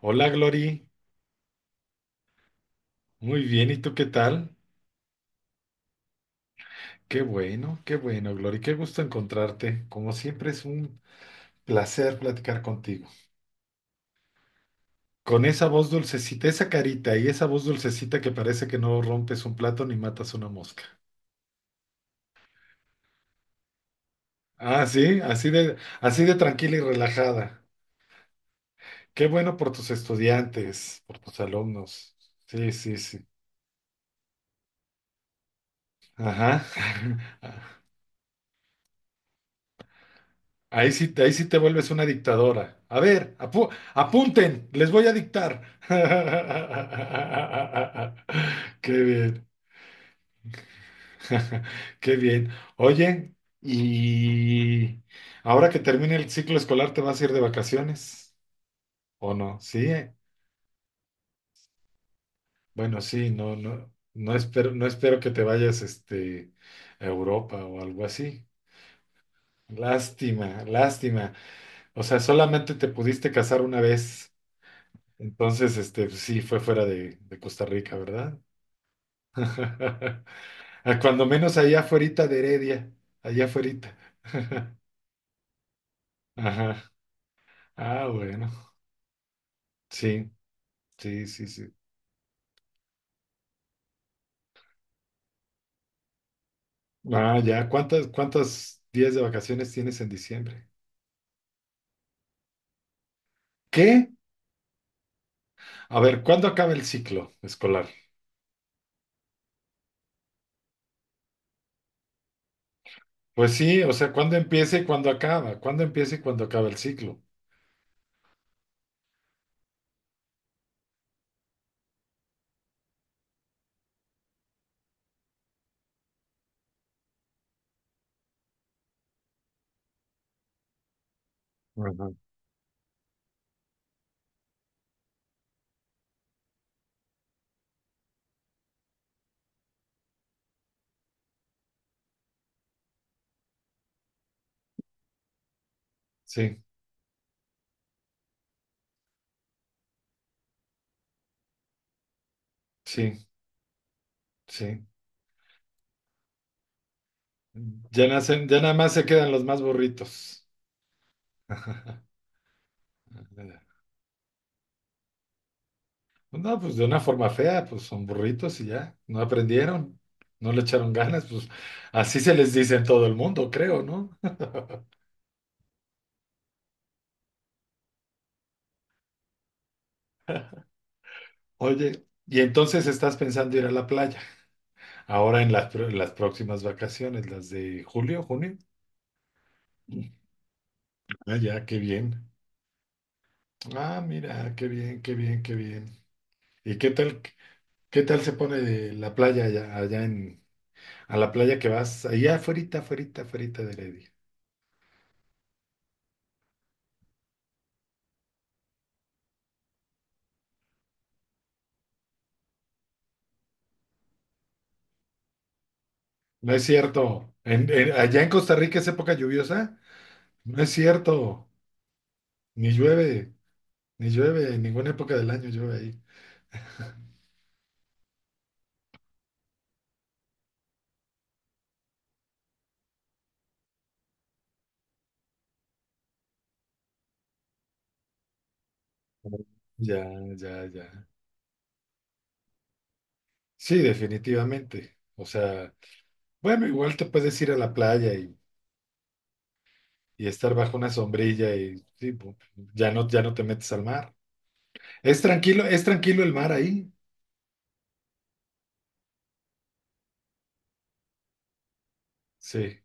Hola Glory, muy bien, ¿y tú qué tal? Qué bueno Glory, qué gusto encontrarte. Como siempre es un placer platicar contigo. Con esa voz dulcecita, esa carita y esa voz dulcecita que parece que no rompes un plato ni matas una mosca. Ah, sí, así de tranquila y relajada. Qué bueno por tus estudiantes, por tus alumnos. Sí, sí, sí. Ajá. Ahí sí te vuelves una dictadora. A ver, apunten, les voy a dictar. Qué bien, qué bien. Oye, y ahora que termine el ciclo escolar, ¿te vas a ir de vacaciones? ¿O no? Sí. Bueno, sí, no, no, no espero que te vayas, a Europa o algo así. Lástima, lástima. O sea, solamente te pudiste casar una vez. Entonces, pues, sí, fue fuera de Costa Rica, ¿verdad? A cuando menos allá afuerita de Heredia, allá afuerita. Ajá. Ah, bueno. Sí, sí, sí, sí. Ah, ya. ¿Cuántos días de vacaciones tienes en diciembre? ¿Qué? A ver, ¿cuándo acaba el ciclo escolar? Pues sí, o sea, ¿cuándo empieza y cuándo acaba? ¿Cuándo empieza y cuándo acaba el ciclo? Ajá. Sí, sí, sí. Ya nacen, ya nada más se quedan los más burritos. Pues no, pues de una forma fea, pues son burritos y ya, no aprendieron, no le echaron ganas, pues así se les dice en todo el mundo, creo, ¿no? Oye, y entonces estás pensando ir a la playa, ahora en las próximas vacaciones, las de julio, junio. Ah, ya, qué bien. Ah, mira, qué bien, qué bien, qué bien. ¿Y qué tal se pone de la playa allá, allá a la playa que vas, allá afuerita, afuerita, afuerita de Heredia? No es cierto, allá en Costa Rica es época lluviosa. No es cierto, ni llueve, ni llueve, en ninguna época del año llueve ahí. Ya, ya, ya. Sí, definitivamente. O sea, bueno, igual te puedes ir a la playa y estar bajo una sombrilla y sí, ya no, ya no te metes al mar. Es tranquilo el mar ahí. Sí.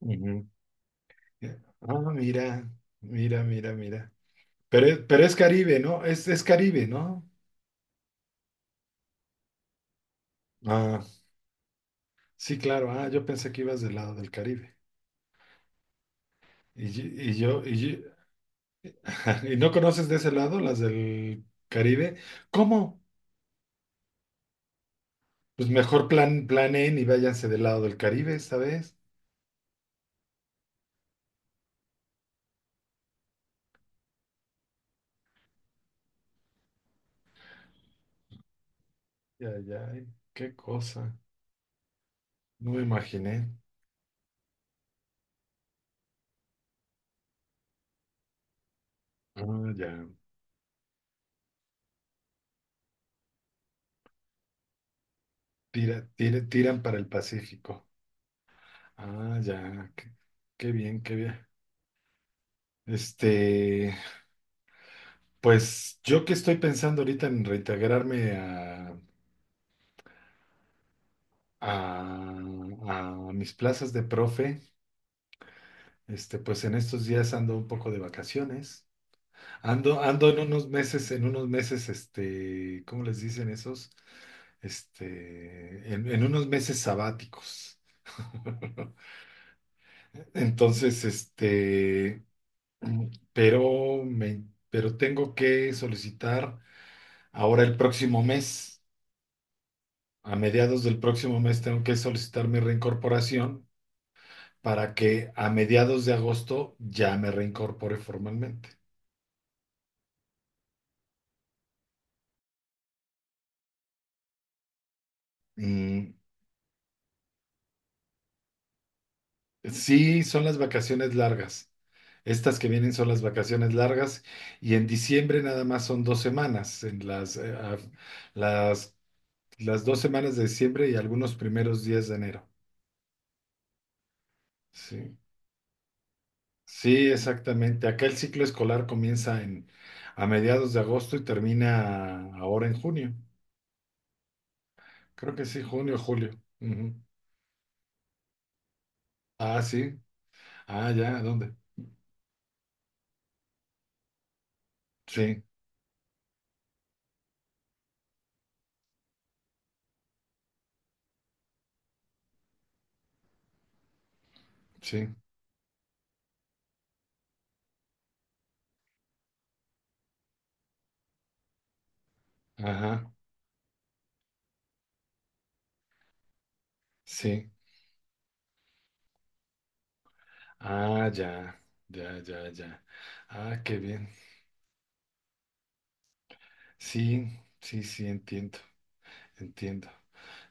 Ujú. Ah, mira, mira, mira, mira. Pero es Caribe, ¿no? Es Caribe, ¿no? Ah, sí, claro. Ah, yo pensé que ibas del lado del Caribe. Y yo. ¿Y no conoces de ese lado, las del Caribe? ¿Cómo? Pues mejor planeen y váyanse del lado del Caribe esta vez. Ya, ya, ay, qué cosa. No me imaginé. Ah, ya. Tiran para el Pacífico. Ah, ya. Qué bien, qué bien. Este, pues yo que estoy pensando ahorita en reintegrarme a, a mis plazas de profe, pues en estos días ando un poco de vacaciones. Ando en unos meses, ¿cómo les dicen esos? En unos meses sabáticos. Entonces, pero me, pero tengo que solicitar ahora el próximo mes, a mediados del próximo mes tengo que solicitar mi reincorporación para que a mediados de agosto ya me reincorpore formalmente. Mm, Sí, son las vacaciones largas. Estas que vienen son las vacaciones largas y en diciembre nada más son 2 semanas, en las, eh, a- las, las 2 semanas de diciembre y algunos primeros días de enero. Sí, sí, exactamente. Acá el ciclo escolar comienza a mediados de agosto y termina ahora en junio. Creo que sí, junio o julio. Ujú. Ah, sí. Ah, ya, ¿dónde? Sí, sí. Ajá, sí. Ah, ya, ya, ya, ya. Ah, qué bien. Sí, sí, sí, entiendo, entiendo.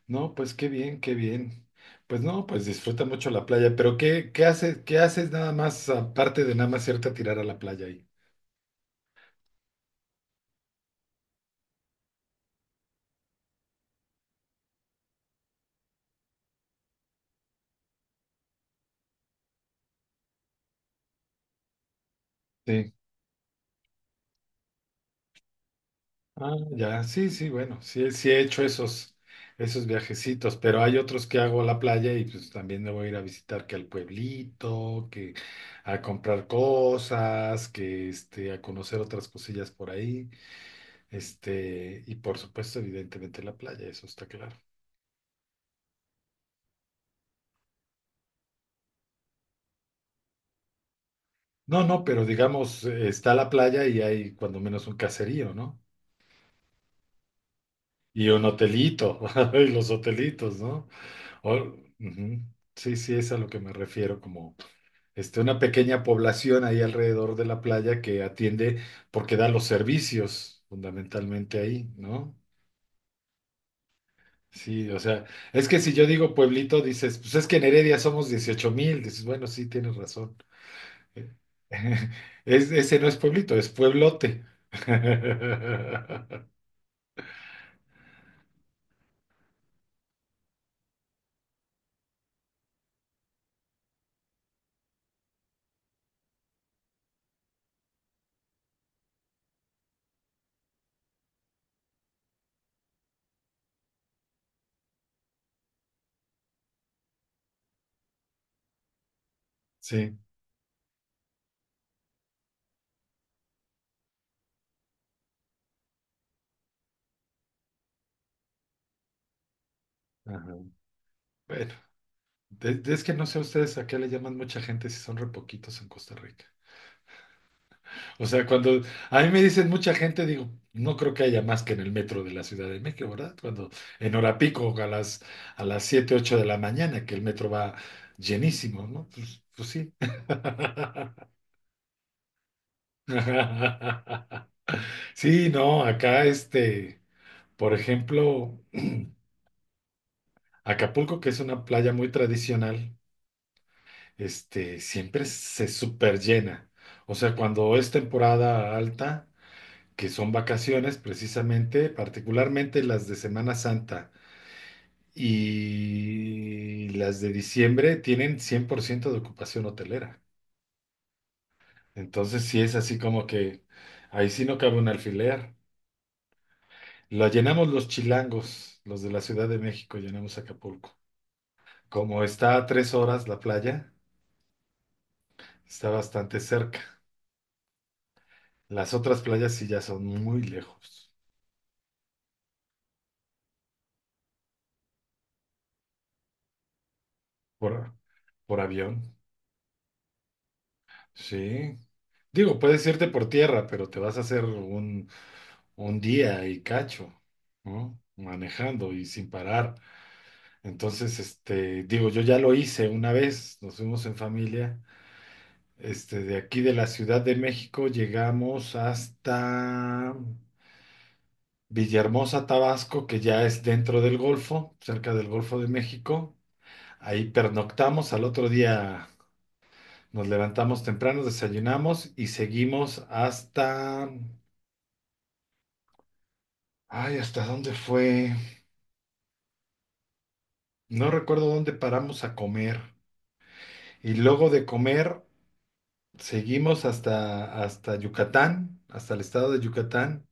No, pues qué bien, qué bien. Pues no, pues disfruta mucho la playa, pero ¿qué haces nada más aparte de nada más irte a tirar a la playa ahí? Sí. Ah, ya, sí, sí, bueno, sí, sí he hecho esos viajecitos, pero hay otros que hago a la playa y pues también me voy a ir a visitar que al pueblito, que a comprar cosas, que a conocer otras cosillas por ahí. Y por supuesto, evidentemente la playa, eso está claro. No, no, pero digamos, está la playa y hay cuando menos un caserío, ¿no? Y un hotelito, y los hotelitos, ¿no? Ujú. Sí, sí, es a lo que me refiero, como una pequeña población ahí alrededor de la playa que atiende porque da los servicios fundamentalmente ahí, ¿no? Sí, o sea, es que si yo digo pueblito, dices, pues es que en Heredia somos 18,000, dices, bueno, sí, tienes razón. Ese no es pueblito, es pueblote. Sí. Ajá. Bueno, es que no sé ustedes a qué le llaman mucha gente si son re poquitos en Costa Rica. O sea, cuando a mí me dicen mucha gente, digo, no creo que haya más que en el metro de la Ciudad de México, ¿verdad? Cuando en hora pico a las 7 8 de la mañana, que el metro va llenísimo, ¿no? Pues sí. Sí, no, acá por ejemplo. Acapulco, que es una playa muy tradicional, siempre se superllena. O sea, cuando es temporada alta, que son vacaciones precisamente, particularmente las de Semana Santa y las de diciembre, tienen 100% de ocupación hotelera. Entonces, sí es así como que ahí sí no cabe un alfiler. Lo llenamos los chilangos, los de la Ciudad de México, llenamos Acapulco. Como está a 3 horas la playa, está bastante cerca. Las otras playas sí ya son muy lejos por, por avión. Sí. Digo, puedes irte por tierra, pero te vas a hacer un día y cacho, ¿no? Manejando y sin parar. Entonces, digo, yo ya lo hice una vez, nos fuimos en familia. De aquí de la Ciudad de México llegamos hasta Villahermosa, Tabasco, que ya es dentro del Golfo, cerca del Golfo de México. Ahí pernoctamos, al otro día nos levantamos temprano, desayunamos y seguimos hasta. Ay, ¿hasta dónde fue? No recuerdo dónde paramos a comer. Y luego de comer, seguimos hasta Yucatán, hasta el estado de Yucatán.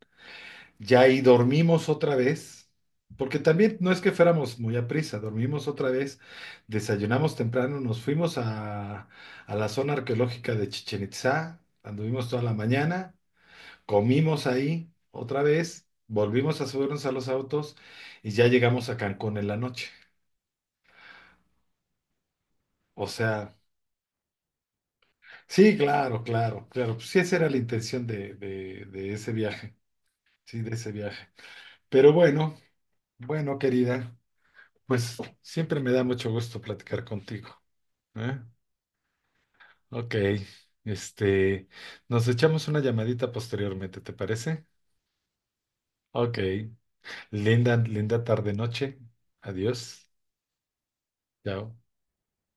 Ya ahí dormimos otra vez, porque también no es que fuéramos muy a prisa, dormimos otra vez, desayunamos temprano, nos fuimos a la zona arqueológica de Chichén Itzá, anduvimos toda la mañana. Comimos ahí otra vez, volvimos a subirnos a los autos y ya llegamos a Cancún en la noche. O sea, sí, claro, claro, claro. Pues sí, esa era la intención de ese viaje, sí, de ese viaje. Pero bueno, querida, pues siempre me da mucho gusto platicar contigo. ¿Eh? Ok, este, nos echamos una llamadita posteriormente, ¿te parece? Ok, linda, linda tarde-noche. Adiós, chao.